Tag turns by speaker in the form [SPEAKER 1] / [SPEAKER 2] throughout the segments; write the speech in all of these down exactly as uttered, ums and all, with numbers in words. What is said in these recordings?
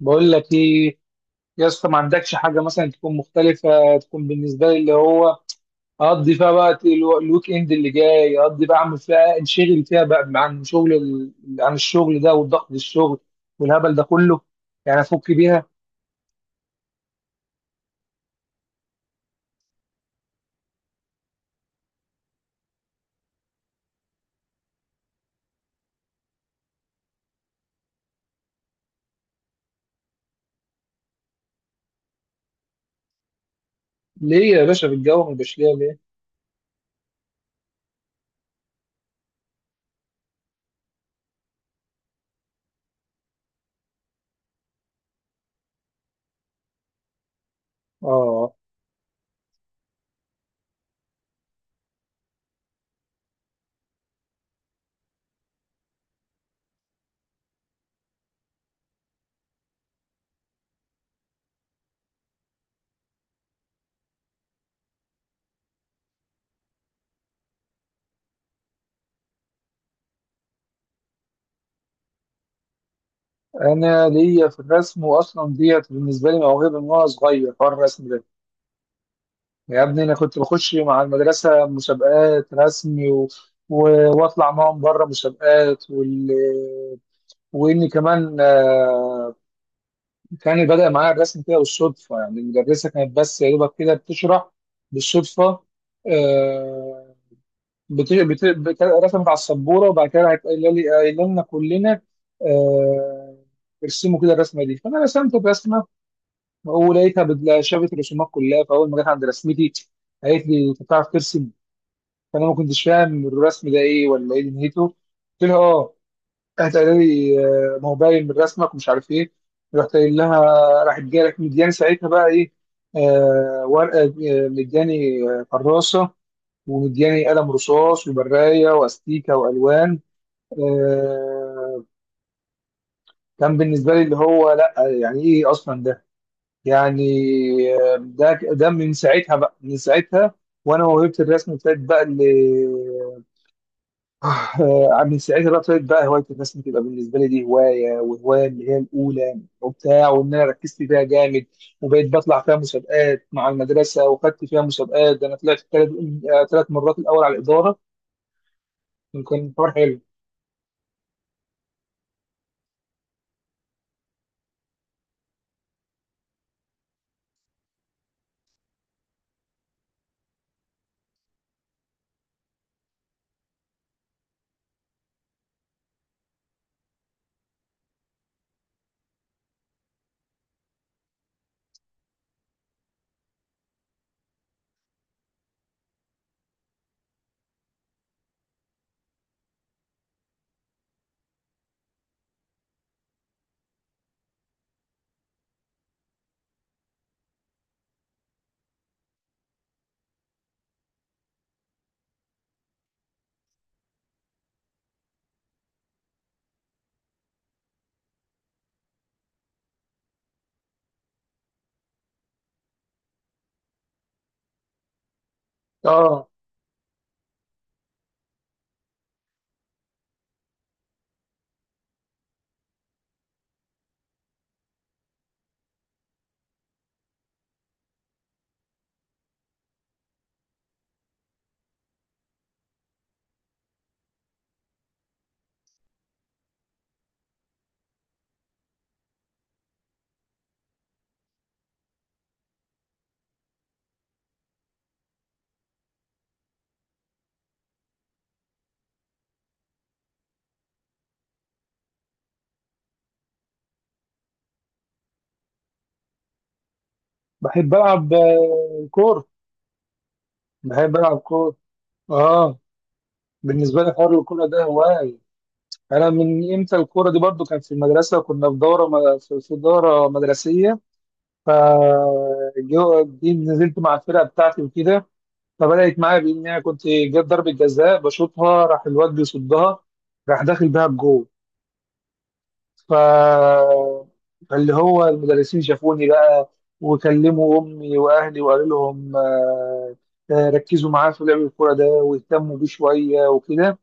[SPEAKER 1] بقول لك ايه يا اسطى، ما عندكش حاجه مثلا تكون مختلفه، تكون بالنسبه لي اللي هو اقضي فيها وقت الو- الويك اند اللي جاي، اقضي بقى، اعمل فيها، انشغل فيها بقى عن شغل ال... عن الشغل ده والضغط الشغل والهبل ده كله، يعني افك بيها. ليه يا باشا؟ في الجو ما يبقاش ليا ليه؟ اه، انا ليا في الرسم، واصلا ديت بالنسبه لي موهبه من وانا صغير حوار الرسم ده. يا ابني انا كنت بخش مع المدرسه مسابقات رسمي و... و... واطلع معاهم بره مسابقات وال... واني كمان، آه، كان بدأ معايا الرسم كده بالصدفه. يعني المدرسه كانت بس يا دوبك كده بتشرح بالصدفه، آه، بت... بت... بت... رسمت على السبوره، وبعد كده راحت قايله لي، قايله لنا كلنا آه، ارسموا كده الرسمه دي، فانا رسمت الرسمه، ولقيتها بت- شافت الرسومات كلها، فاول ما جت عند رسمتي قالت لي انت بتعرف ترسم؟ فانا ما كنتش فاهم الرسم ده ايه ولا ايه دنيته، قلت لها اه. قالت، قال لي آه، ما هو باين من رسمك، ومش عارف ايه. رحت قايل لها، راحت جايه لك مدياني ساعتها بقى ايه؟ آه، ورقه، آه، مدياني آه، كراسه، ومدياني قلم رصاص وبرايه واستيكه والوان. آه، كان بالنسبه لي اللي هو لا، يعني ايه اصلا ده يعني؟ آه، ده ده من ساعتها بقى. من ساعتها وانا موهبه الرسم ابتدت بقى اللي آه، من ساعتها بقى ابتدت بقى هوايه الرسم، تبقى بالنسبه لي دي هوايه، وهوايه اللي هي الاولى وبتاع، وان انا ركزت فيها جامد، وبقيت بطلع فيها مسابقات مع المدرسه، وخدت فيها مسابقات. ده انا طلعت ثلاث ثلاث مرات الاول على الاداره. كان حوار حلو. اه، بحب العب آه، كوره، بحب العب كوره. اه، بالنسبه لي حوار الكوره ده هوايه. انا من امتى الكوره دي؟ برضو كانت في المدرسه، وكنا في دوره، في في دوره مدرسيه، فجو جيت نزلت مع الفرقه بتاعتي وكده. فبدات معايا بان انا كنت جت ضربه جزاء بشوطها، راح الواد بيصدها، راح داخل بيها الجول. ف فاللي هو المدرسين شافوني بقى، وكلموا امي واهلي وقالوا لهم، آه، آه، ركزوا معاه في لعب الكوره ده، واهتموا بيه شويه وكده.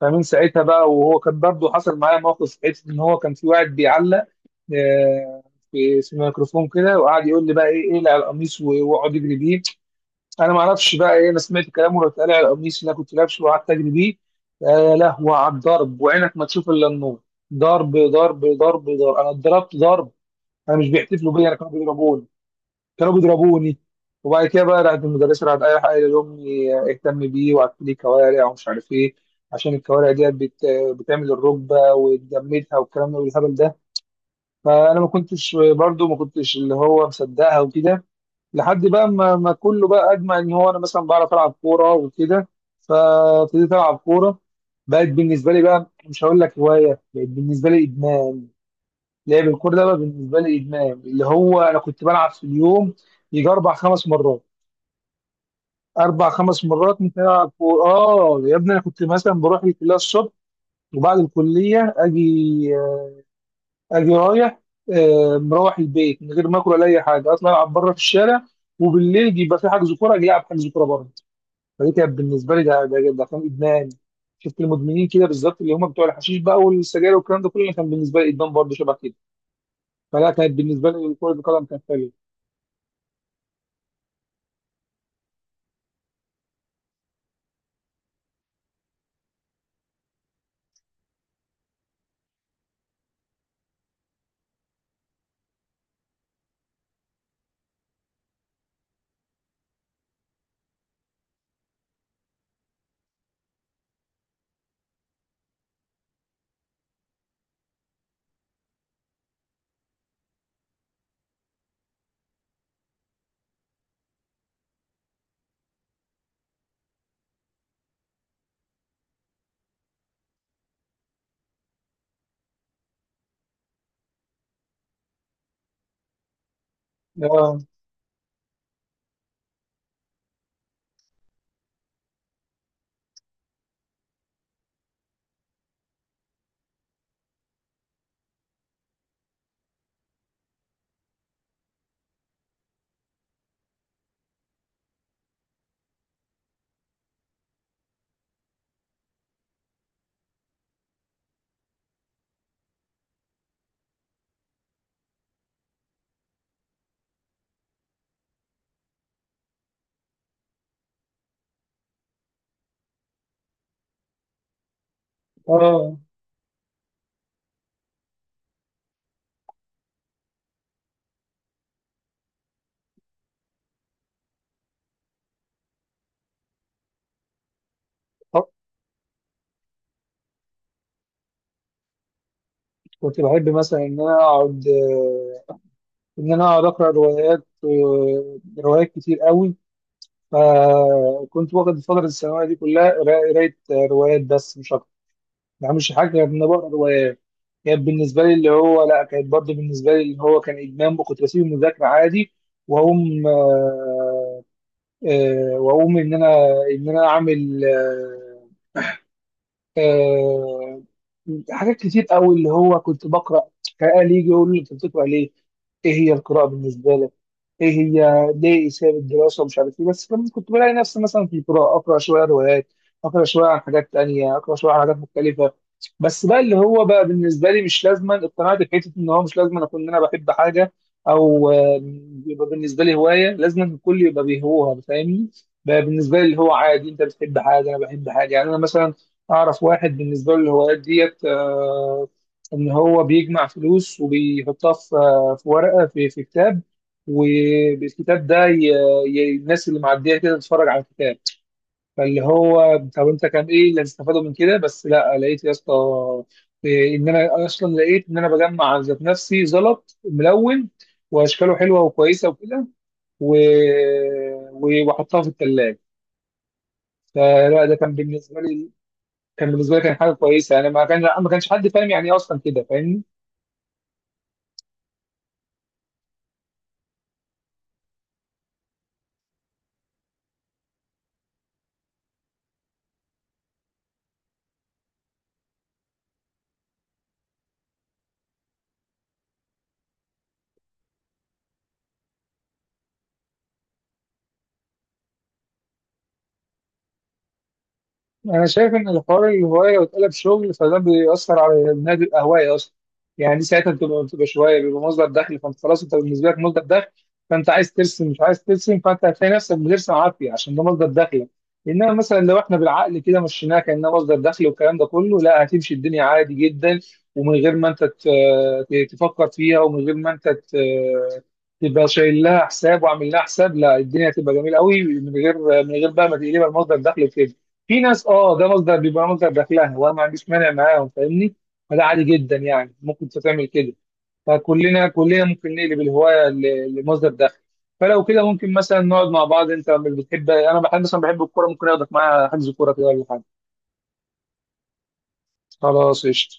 [SPEAKER 1] فمن ساعتها بقى. وهو كان برضه حصل معايا موقف ساعتها، ان هو كان في واحد بيعلق آه، في في الميكروفون كده، وقعد يقول لي بقى ايه اقلع القميص و- واقعد اجري بيه. انا ما اعرفش بقى ايه، انا سمعت كلامه رحت قالع القميص اللي انا كنت لابسه وقعدت اجري بيه. يا لهوي على الضرب، وعينك ما تشوف الا النور، ضرب ضرب ضرب ضرب، انا اتضربت ضرب. انا مش بيحتفلوا بيا، انا كانوا بيضربوني، كانوا بيضربوني. وبعد كده بقى راحت المدرسه راحت اي حاجه لامي، اهتم بيه، وقعدت لي كوارع ومش عارف ايه، عشان الكوارع ديت بت... بتعمل الركبه وتجمدها، والكلام ده والهبل ده. فانا ما كنتش برضو ما كنتش اللي هو مصدقها وكده، لحد بقى ما, ما كله بقى اجمع ان هو انا مثلا بعرف العب كوره وكده. فابتديت العب كوره، بقت بالنسبه لي بقى مش هقول لك هوايه، بقت بالنسبه لي ادمان. لعب الكوره ده بقى بالنسبه لي ادمان، اللي هو انا كنت بلعب في اليوم يجي اربع خمس مرات. اربع خمس مرات ممكن العب كوره. اه يا ابني، انا كنت مثلا بروح الكليه الصبح، وبعد الكليه اجي، اجي رايح، آه، مروح البيت من غير ما اكل ولا اي حاجه، اطلع العب بره في الشارع، وبالليل يبقى في حجز كوره اجي العب حجز كوره بره. فدي كانت بالنسبه لي، ده ده ده كان ادمان. شفت المدمنين كده بالظبط اللي هم بتوع الحشيش بقى والسجاير والكلام ده كله، كان بالنسبه لي ادمان برضه شبه كده. فلا، كانت بالنسبه لي كره القدم كانت حلوه. اه. اه. آه. كنت بحب مثلا ان انا اقعد، آه، ان انا اقعد اقرا روايات، آه، روايات كتير قوي. فكنت واخد الفتره الثانويه دي كلها قرا- قرايه، آه، روايات بس مش اكتر، ما بعملش حاجه غير ان أنا بقرا روايات. كانت بالنسبه لي اللي هو لا، كانت برضه بالنسبه لي اللي هو كان ادمان، وكنت بسيب المذاكره عادي، واقوم آه، آه، واقوم ان انا، ان انا اعمل، آه، آه، حاجات كتير قوي اللي هو كنت بقرا. كان يجي يقول لي انت بتقرا ليه؟ ايه هي القراءه بالنسبه لك؟ ايه هي ليه ساب الدراسه ومش عارف ايه؟ بس لما كنت بلاقي نفسي مثلا في القراءه، اقرا شويه روايات، اقرا شويه عن حاجات تانية، اقرا شويه عن حاجات مختلفه. بس بقى اللي هو بقى بالنسبه لي مش لازما، اقتنعت بحته ان هو مش لازما اكون انا بحب حاجه، او آه، يبقى بالنسبه لي هوايه لازما الكل يبقى بيهوها، فاهمني؟ بقى بالنسبه لي اللي هو عادي، انت بتحب حاجه، انا بحب حاجه، يعني انا مثلا اعرف واحد بالنسبه له الهوايات ديت، آه، ان هو بيجمع فلوس وبيحطها في آه، في ورقه، في في كتاب. وبالكتاب ده ي... ي... الناس اللي معديه كده تتفرج على الكتاب. فاللي هو طب انت كان ايه اللي هتستفاده من كده؟ بس لا، لقيت يا اسطى، إيه، ان انا اصلا لقيت ان انا بجمع ذات نفسي زلط ملون، واشكاله حلوه وكويسه وكده، و... و- واحطها في الثلاجه. فلا ده كان بالنسبه لي، كان بالنسبه لي، كان حاجه كويسه، يعني ما كان، ما كانش حد فاهم يعني ايه اصلا كده، فاهمني؟ انا شايف ان الحوار الهوايه لو اتقلب شغل، فده بيأثر على النادي الهوايه اصلا. يعني دي ساعتها بتبقى بتبقى شويه بيبقى مصدر دخل، فانت خلاص انت بالنسبه لك مصدر دخل، فانت عايز ترسم مش عايز ترسم، فانت هتلاقي نفسك بترسم عافيه عشان ده مصدر دخلك. انما مثلا لو احنا بالعقل كده مشيناها كانها مصدر دخل والكلام ده كله، لا هتمشي الدنيا عادي جدا، ومن غير ما انت ت- تفكر فيها، ومن غير ما انت ت- تبقى شايل لها حساب وعامل لها حساب، لا الدنيا هتبقى جميله قوي، من غير، من غير بقى ما تقلبها لمصدر دخل وكده. في ناس اه ده مصدر بيبقى مصدر دخلها، وانا ما عنديش مانع معاهم، فاهمني؟ فده عادي جدا، يعني ممكن تعمل كده. فكلنا كلنا ممكن نقلب الهوايه ل- لمصدر دخل. فلو كده ممكن مثلا نقعد مع بعض، انت مش بتحب، انا بحب مثلا، بحب الكوره، ممكن اخدك معايا حجز كوره كده ولا حاجه. خلاص قشطه.